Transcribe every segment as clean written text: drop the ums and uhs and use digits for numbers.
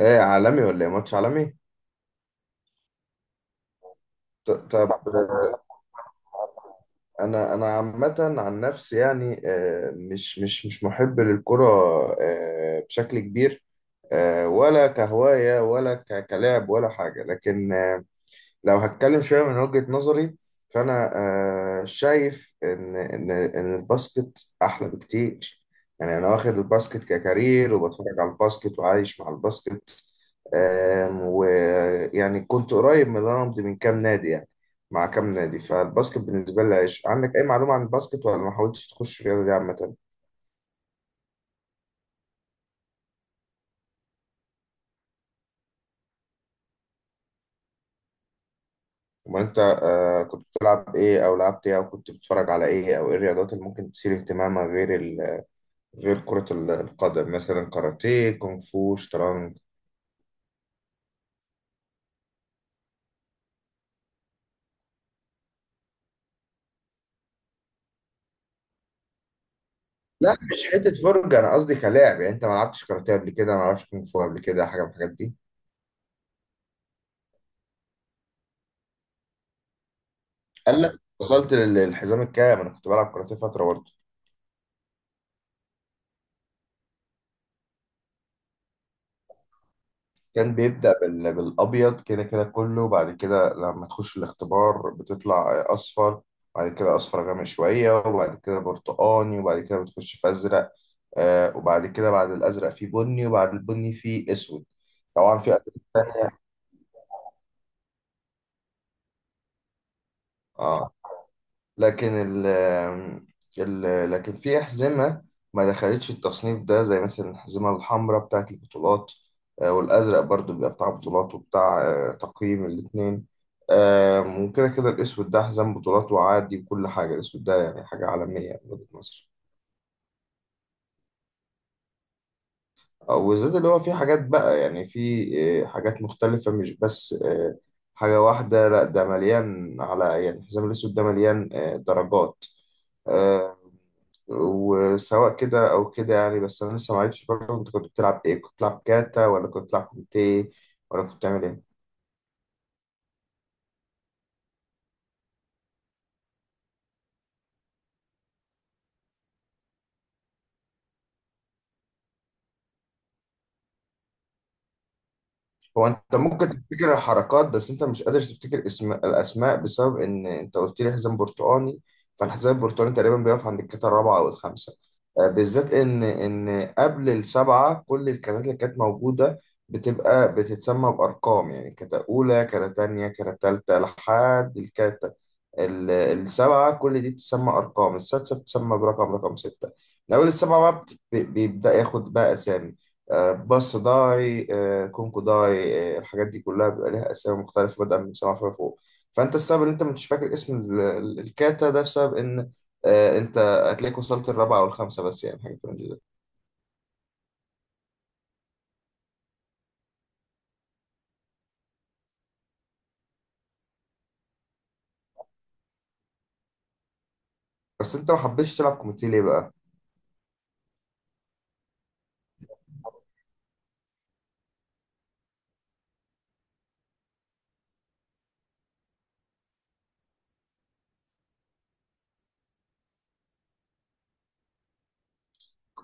ايه عالمي ولا ايه ماتش عالمي؟ ط- طب آه، انا عامه عن نفسي يعني، مش محب للكره بشكل كبير. ولا كهوايه ولا كلاعب ولا حاجه، لكن لو هتكلم شوية من وجهة نظري، فأنا شايف إن الباسكت أحلى بكتير. يعني أنا واخد الباسكت ككارير وبتفرج على الباسكت وعايش مع الباسكت. ويعني كنت قريب من الرمض من كام نادي، يعني مع كام نادي. فالباسكت بالنسبة لي عايش. عندك أي معلومة عن الباسكت ولا ما حاولتش تخش الرياضة دي عامة؟ أمال أنت كنت بتلعب إيه أو لعبت إيه أو كنت بتتفرج على إيه، أو إيه الرياضات اللي ممكن تثير اهتمامك غير كرة القدم؟ مثلا كاراتيه، كونغ فو، شطرنج. لا لا، مش حتة فرجة، أنا قصدي كلاعب. يعني أنت ما لعبتش كاراتيه قبل كده، ما لعبتش كونغ فو قبل كده، حاجة من الحاجات دي؟ قال لك، وصلت للحزام الكام؟ أنا كنت بلعب كاراتيه فترة برضه. كان بيبدأ بالأبيض كده، كده كله بعد كده لما تخش الاختبار بتطلع أصفر، بعد كده أصفر غامق شوية، وبعد كده برتقاني، وبعد كده بتخش في أزرق. وبعد كده بعد الأزرق في بني، وبعد البني في أسود. طبعا في ألوان تانية، لكن ال ال لكن في أحزمة ما دخلتش التصنيف ده، زي مثلا الأحزمة الحمراء بتاعة البطولات. والأزرق برضو بيبقى بتاع بطولات وبتاع تقييم الاتنين. وكده كده الأسود ده حزام بطولات وعادي وكل حاجة. الأسود ده يعني حاجة عالمية من وجهة نظري. وزاد اللي هو في حاجات بقى، يعني في حاجات مختلفة، مش بس حاجة واحدة. لا، ده مليان، على يعني الحزام الأسود ده مليان درجات. آه، وسواء كده أو كده يعني. بس أنا لسه معرفتش برضه، أنت كنت بتلعب إيه؟ كنت بتلعب كاتا، ولا كنت بتلعب كوميتيه، ولا كنت بتعمل إيه؟ هو انت ممكن تفتكر الحركات، بس انت مش قادر تفتكر اسم الاسماء، بسبب ان انت قلت لي حزام برتقاني. فالحزام البرتقاني تقريبا بيقف عند الكتله الرابعه او الخامسه. بالذات ان قبل السبعه كل الكتات اللي كانت موجوده بتبقى بتتسمى بارقام. يعني كتة اولى، كتة تانية، كتة تالتة، لحد الكتة السبعة. كل دي بتسمى أرقام، السادسة بتسمى برقم رقم ستة. من أول السبعة بقى بيبدأ ياخد بقى أسامي. باص داي، كونكو داي، الحاجات دي كلها بيبقى ليها أسامي مختلفة، بدءا من السبعة فيما فوق. فأنت السبب إن أنت مش فاكر اسم الكاتا ده، بسبب إن أنت هتلاقيك وصلت الرابعة أو الخامسة، بس يعني حاجة في الرينج ده. بس أنت ما حبيتش تلعب كوميتي ليه بقى؟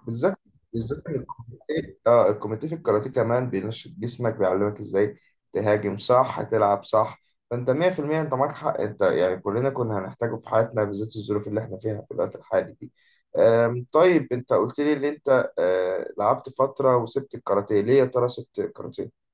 بالذات بالذات ان الكوميتيه، اه الكوميتيه في الكاراتيه كمان، بينشط جسمك، بيعلمك ازاي تهاجم صح، تلعب صح. فانت 100% انت معاك حق. انت يعني كلنا كنا هنحتاجه في حياتنا، بالذات الظروف اللي احنا فيها في الوقت الحالي دي. طيب انت قلت لي ان انت لعبت فتره وسبت الكاراتيه. ليه يا ترى سبت الكاراتيه؟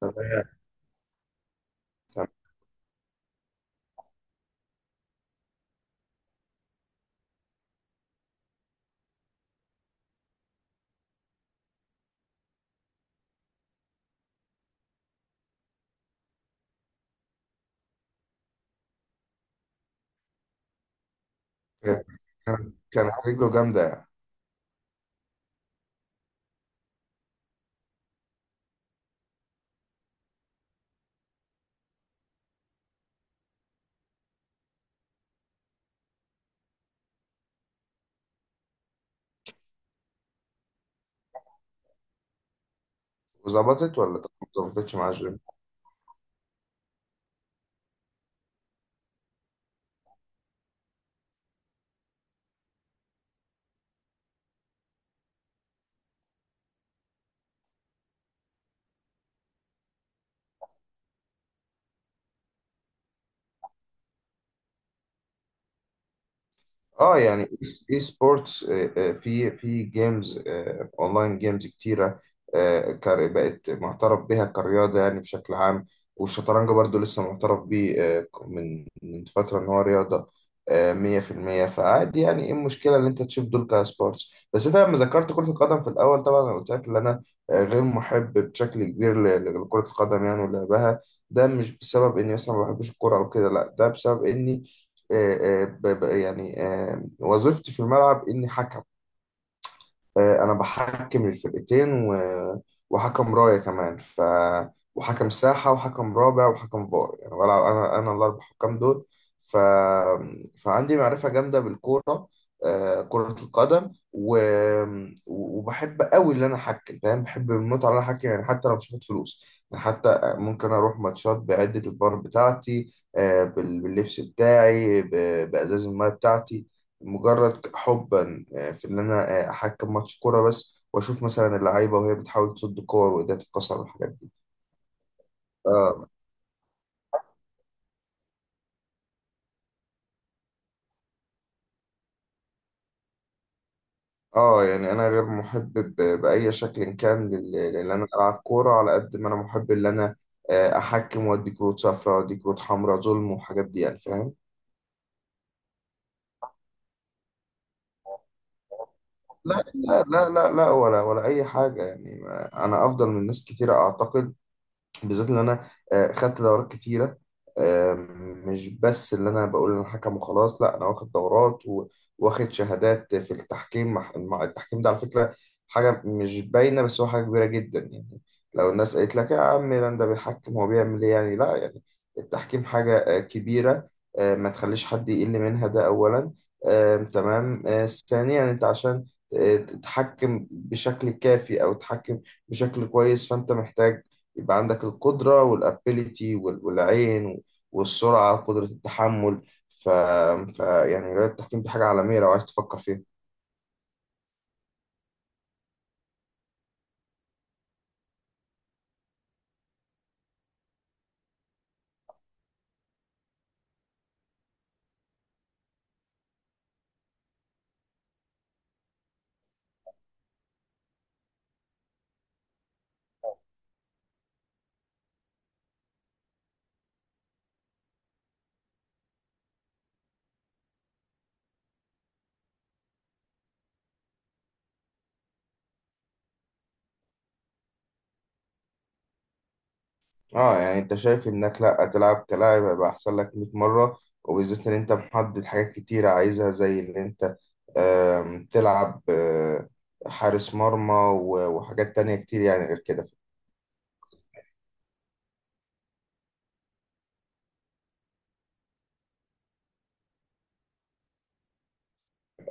تمام. تمام. كانت كانت رجله جامده يعني. وظبطت ولا ما ظبطتش مع الجيم؟ اه يعني اي سبورتس، في في جيمز اونلاين، جيمز كتيره. بقت معترف بها كرياضه يعني بشكل عام، والشطرنج برضو لسه معترف بيه من من فتره ان هو رياضه. 100%. فعادي يعني، ايه المشكله ان انت تشوف دول كسبورتس؟ بس انت لما ذكرت كره القدم في الاول، طبعا انا قلت لك ان انا غير محب بشكل كبير لكره القدم يعني ولعبها. ده مش بسبب اني مثلا ما بحبش الكوره او كده، لا ده بسبب اني يعني وظيفتي في الملعب اني حكم. انا بحكم للفرقتين، وحكم رايه كمان، وحكم ساحه، وحكم رابع، وحكم فار، يعني ولا انا الاربع حكام دول. ف فعندي معرفه جامده بالكوره، كره القدم، وبحب قوي ان انا احكم. فاهم، بحب المتعه ان انا احكم، يعني حتى لو مش هاخد فلوس. يعني حتى ممكن اروح ماتشات بعده البار بتاعتي، باللبس بتاعي، بازاز المايه بتاعتي، مجرد حبا في ان انا احكم ماتش كوره بس، واشوف مثلا اللعيبه وهي بتحاول تصد كور وايديها تتكسر والحاجات دي. اه. اه يعني انا غير محب باي شكل كان لان انا العب كوره، على قد ما انا محب ان انا احكم وادي كروت صفراء وادي كروت حمراء، ظلم والحاجات دي يعني، فاهم. لا لا لا لا لا، ولا ولا اي حاجه يعني. انا افضل من ناس كتيره اعتقد، بالذات اللي انا خدت دورات كتيره. آه، مش بس اللي انا بقول انا حكم وخلاص، لا، انا واخد دورات واخد شهادات في التحكيم مع التحكيم ده على فكره حاجه مش باينه، بس هو حاجه كبيره جدا يعني. لو الناس قالت لك يا عم لان ده بيحكم، هو بيعمل ايه يعني؟ لا، يعني التحكيم حاجه كبيره، ما تخليش حد يقل منها، ده اولا. تمام. ثانيا، انت عشان تتحكم بشكل كافي او تتحكم بشكل كويس، فانت محتاج يبقى عندك القدرة والابيليتي والعين والسرعة وقدرة التحمل. ف... ف يعني رياضة التحكيم دي حاجة عالمية لو عايز تفكر فيها. اه يعني انت شايف انك لا تلعب كلاعب هيبقى احسن لك 100 مرة، وبالذات ان انت محدد حاجات كتيرة عايزها، زي ان انت تلعب حارس مرمى وحاجات تانية كتير يعني غير كده.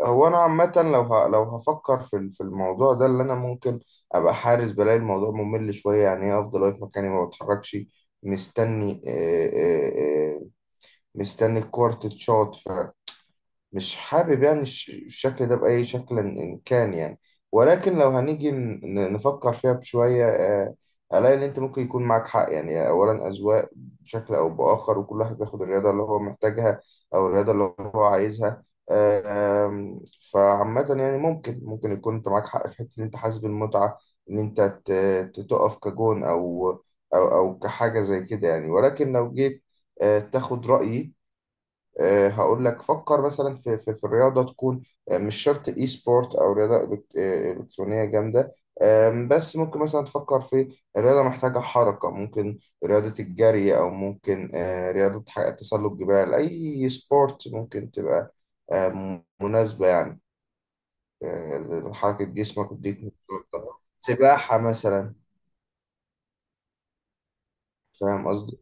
هو انا عامه لو هفكر في في الموضوع ده، اللي انا ممكن ابقى حارس، بلاقي الموضوع ممل شويه يعني. ايه، افضل واقف مكاني ما بتحركش، مستني آه، آه، مستني الكورة تتشاط. مش حابب يعني الشكل ده بأي شكل إن كان يعني. ولكن لو هنيجي نفكر فيها بشوية، ألاقي إن أنت ممكن يكون معاك حق يعني. أولا أذواق، بشكل أو بآخر وكل واحد بياخد الرياضة اللي هو محتاجها أو الرياضة اللي هو عايزها. آم، فعامة يعني ممكن ممكن يكون أنت معاك حق في حتة إن أنت حاسس بالمتعة إن أنت تقف كجون أو أو كحاجة زي كده يعني. ولكن لو جيت تاخد رأيي، هقول لك فكر مثلا في الرياضه، تكون مش شرط اي سبورت او رياضه الكترونيه جامده. بس ممكن مثلا تفكر في رياضه محتاجه حركه، ممكن رياضه الجري، او ممكن رياضه تسلق جبال، اي سبورت ممكن تبقى مناسبه يعني آه، لحركه جسمك وتديك نشاط. سباحه مثلا. فاهم قصدي.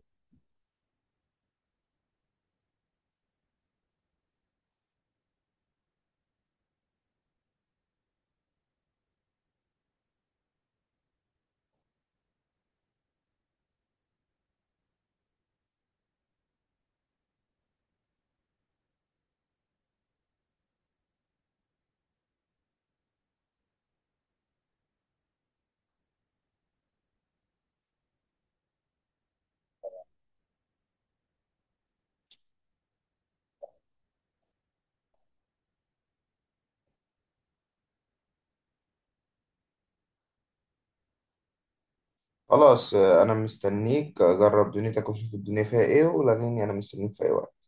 خلاص انا مستنيك، جرب دنيتك وشوف الدنيا فيها ايه ولغيني، انا مستنيك في اي وقت.